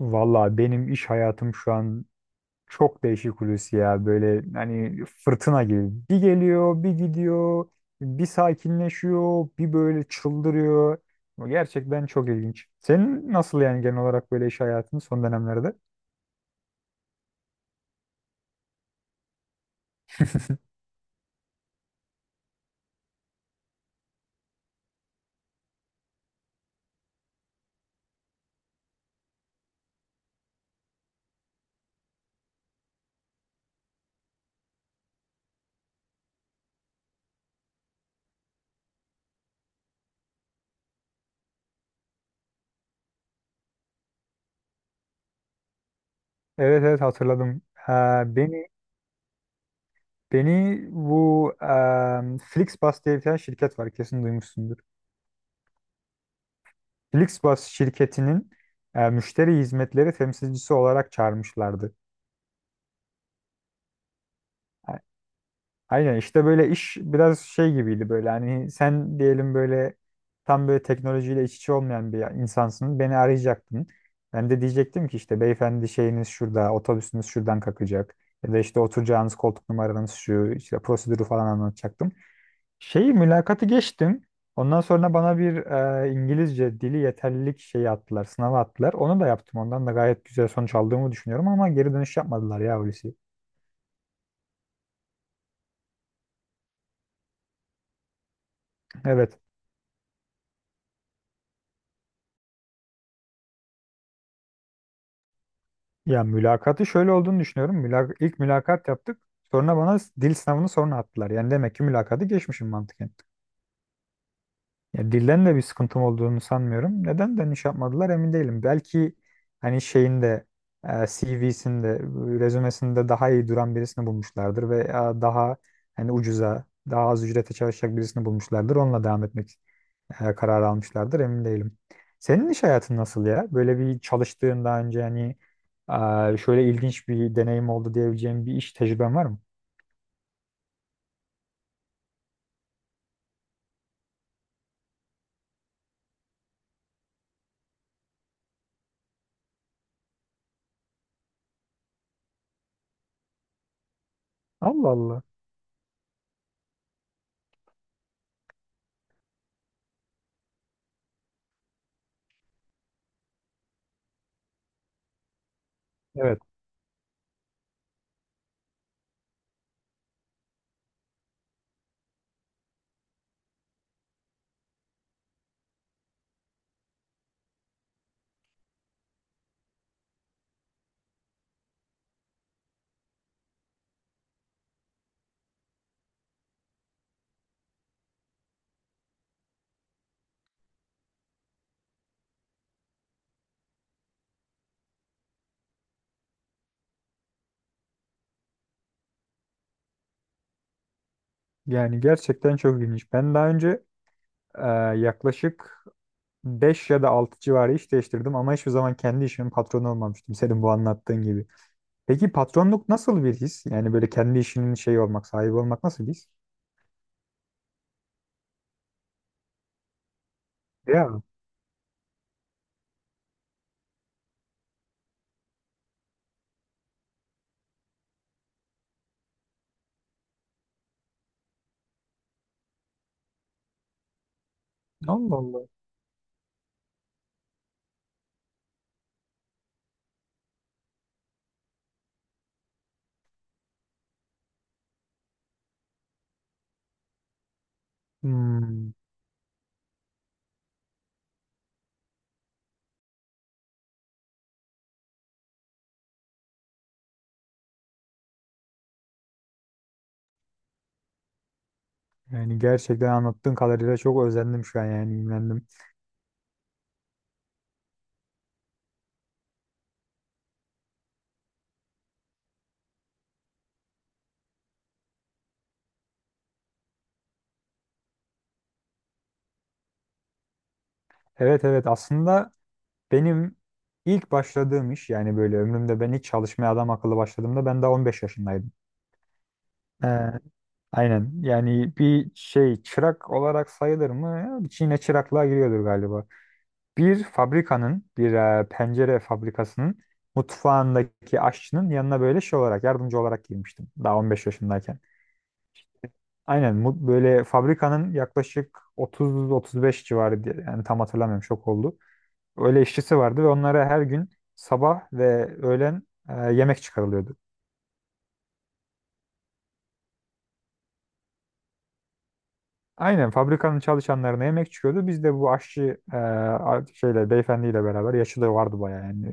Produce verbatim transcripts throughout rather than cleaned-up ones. Valla benim iş hayatım şu an çok değişik Hulusi ya. Böyle hani fırtına gibi. Bir geliyor, bir gidiyor, bir sakinleşiyor, bir böyle çıldırıyor. Gerçekten çok ilginç. Senin nasıl yani genel olarak böyle iş hayatın son dönemlerde? Evet, evet, hatırladım. Ee, beni beni bu e, Flixbus diye bir tane şirket var, kesin duymuşsundur. Flixbus şirketinin e, müşteri hizmetleri temsilcisi olarak çağırmışlardı. Aynen, işte böyle iş biraz şey gibiydi, böyle hani sen diyelim böyle tam böyle teknolojiyle iç içe olmayan bir insansın, beni arayacaktın. Ben de diyecektim ki işte beyefendi şeyiniz şurada, otobüsünüz şuradan kalkacak ya da işte oturacağınız koltuk numaranız şu, işte prosedürü falan anlatacaktım. Şeyi mülakatı geçtim, ondan sonra bana bir e, İngilizce dili yeterlilik şeyi attılar, sınava attılar, onu da yaptım, ondan da gayet güzel sonuç aldığımı düşünüyorum ama geri dönüş yapmadılar ya Hulusi. Evet. Ya mülakatı şöyle olduğunu düşünüyorum. Mülak ilk mülakat yaptık. Sonra bana dil sınavını sonra attılar. Yani demek ki mülakatı geçmişim mantıken. Ya dilden de bir sıkıntım olduğunu sanmıyorum. Neden dönüş yapmadılar emin değilim. Belki hani şeyinde, C V'sinde, rezümesinde daha iyi duran birisini bulmuşlardır ve e, daha hani ucuza, daha az ücrete çalışacak birisini bulmuşlardır. Onunla devam etmek e, kararı almışlardır, emin değilim. Senin iş hayatın nasıl ya? Böyle bir çalıştığın daha önce hani e, şöyle ilginç bir deneyim oldu diyebileceğim bir iş tecrüben var mı? Allah Allah. Evet. Yani gerçekten çok ilginç. Ben daha önce Ee, yaklaşık beş ya da altı civarı iş değiştirdim ama hiçbir zaman kendi işimin patronu olmamıştım, senin bu anlattığın gibi. Peki patronluk nasıl bir his? Yani böyle kendi işinin şeyi olmak, sahibi olmak nasıl bir his? Ya Allah Allah. Hmm, yani gerçekten anlattığın kadarıyla çok özendim şu an, yani imrendim. Evet, evet, aslında benim ilk başladığım iş, yani böyle ömrümde ben ilk çalışmaya adam akıllı başladığımda ben daha on beş yaşındaydım. Ee, Aynen. Yani bir şey çırak olarak sayılır mı? Yine çıraklığa giriyordur galiba. Bir fabrikanın, bir e, pencere fabrikasının mutfağındaki aşçının yanına böyle şey olarak, yardımcı olarak girmiştim. Daha on beş yaşındayken. Aynen. mu- Böyle fabrikanın yaklaşık otuz otuz beş civarı diye- yani tam hatırlamıyorum, şok oldu. Öyle işçisi vardı ve onlara her gün sabah ve öğlen e, yemek çıkarılıyordu. Aynen, fabrikanın çalışanlarına yemek çıkıyordu. Biz de bu aşçı e, a- şeyle, beyefendiyle beraber, yaşı da vardı bayağı yani.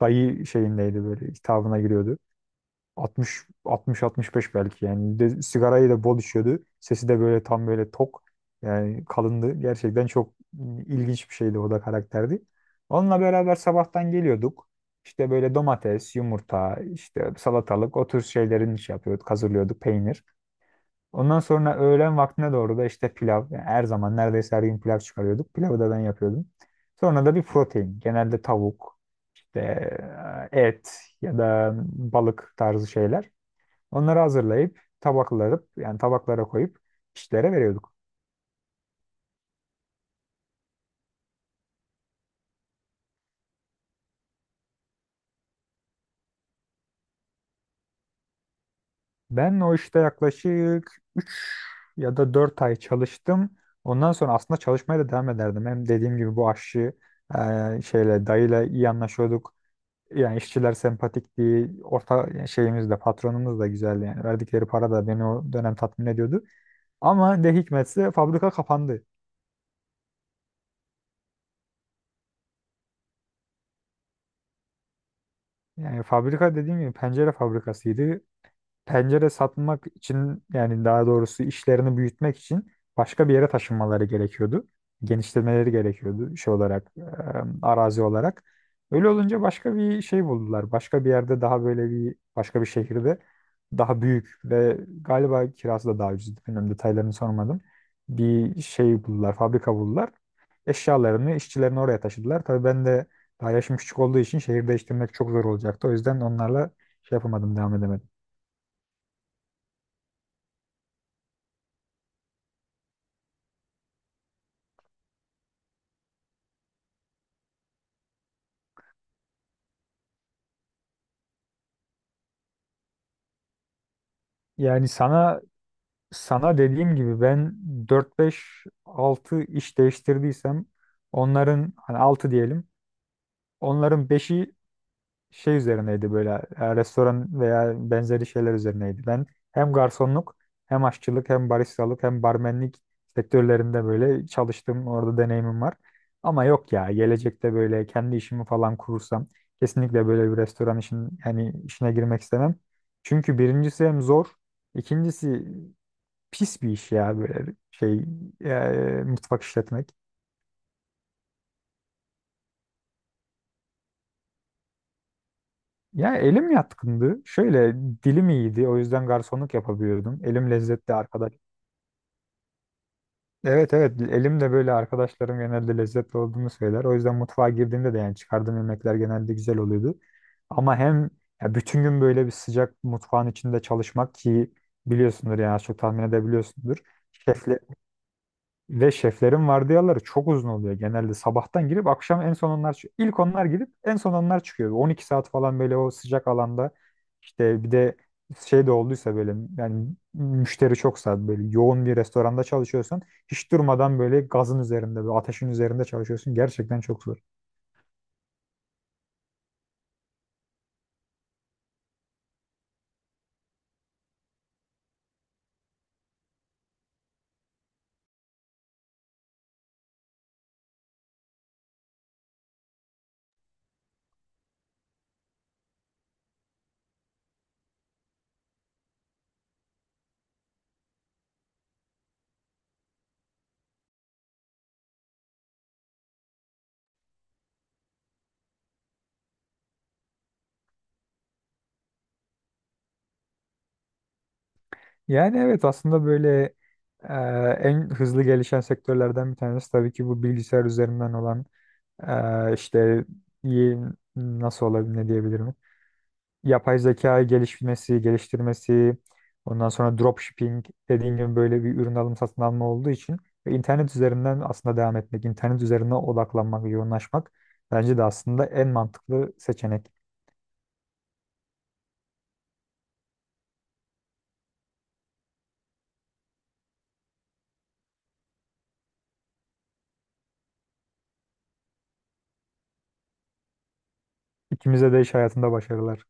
Dayı şeyindeydi, böyle hitabına giriyordu. altmış altmış altmış beş belki yani. De, sigarayı da bol içiyordu. Sesi de böyle tam böyle tok. Yani kalındı. Gerçekten çok ilginç bir şeydi, o da karakterdi. Onunla beraber sabahtan geliyorduk. İşte böyle domates, yumurta, işte salatalık, o tür şeylerin iş yapıyorduk, hazırlıyorduk, peynir. Ondan sonra öğlen vaktine doğru da işte pilav. Yani her zaman, neredeyse her gün pilav çıkarıyorduk. Pilavı da ben yapıyordum. Sonra da bir protein. Genelde tavuk, işte e, et ya da balık tarzı şeyler. Onları hazırlayıp tabaklarıp, yani tabaklara koyup işlere veriyorduk. Ben o işte yaklaşık ya da dört ay çalıştım. Ondan sonra aslında çalışmaya da devam ederdim. Hem dediğim gibi bu aşçı e, şeyle, dayıyla iyi anlaşıyorduk. Yani işçiler sempatikti. Orta yani şeyimiz de, patronumuz da güzeldi yani. Verdikleri para da beni o dönem tatmin ediyordu. Ama ne hikmetse fabrika kapandı. Yani fabrika dediğim gibi pencere fabrikasıydı. Pencere satmak için, yani daha doğrusu işlerini büyütmek için başka bir yere taşınmaları gerekiyordu. Genişlemeleri gerekiyordu şey olarak, e, arazi olarak. Öyle olunca başka bir şey buldular. Başka bir yerde, daha böyle bir başka bir şehirde, daha büyük ve galiba kirası da daha ucuzdu. Bilmiyorum, detaylarını sormadım. Bir şey buldular, fabrika buldular. Eşyalarını, işçilerini oraya taşıdılar. Tabii ben de daha yaşım küçük olduğu için şehir değiştirmek çok zor olacaktı. O yüzden onlarla şey yapamadım, devam edemedim. Yani sana, sana dediğim gibi ben dört beş altı iş değiştirdiysem onların hani altı diyelim. Onların beşi şey üzerineydi, böyle e, restoran veya benzeri şeyler üzerineydi. Ben hem garsonluk, hem aşçılık, hem baristalık, hem barmenlik sektörlerinde böyle çalıştım. Orada deneyimim var. Ama yok ya, gelecekte böyle kendi işimi falan kurursam kesinlikle böyle bir restoran işin, hani işine girmek istemem. Çünkü birincisi hem zor, ikincisi pis bir iş ya, böyle şey e, mutfak işletmek. Ya elim yatkındı. Şöyle dilim iyiydi. O yüzden garsonluk yapabiliyordum. Elim lezzetli arkadaş. Evet, evet, elim de böyle, arkadaşlarım genelde lezzetli olduğunu söyler. O yüzden mutfağa girdiğimde de yani çıkardığım yemekler genelde güzel oluyordu. Ama hem ya bütün gün böyle bir sıcak mutfağın içinde çalışmak ki biliyorsundur, yani az çok tahmin edebiliyorsundur. Şefle, Ve şeflerin vardiyaları çok uzun oluyor genelde. Sabahtan girip akşam en son onlar çıkıyor. İlk onlar girip en son onlar çıkıyor. on iki saat falan böyle o sıcak alanda, işte bir de şey de olduysa, böyle yani müşteri çoksa, böyle yoğun bir restoranda çalışıyorsan hiç durmadan böyle gazın üzerinde, böyle ateşin üzerinde çalışıyorsun. Gerçekten çok zor. Yani evet, aslında böyle e, en hızlı gelişen sektörlerden bir tanesi tabii ki bu bilgisayar üzerinden olan e, işte y- nasıl olabilir, ne diyebilirim, yapay zeka gelişmesi, geliştirmesi, ondan sonra dropshipping dediğim gibi böyle bir ürün alım, satın alma olduğu için ve internet üzerinden aslında devam etmek, internet üzerine odaklanmak, yoğunlaşmak bence de aslında en mantıklı seçenek. İkimize de iş hayatında başarılar.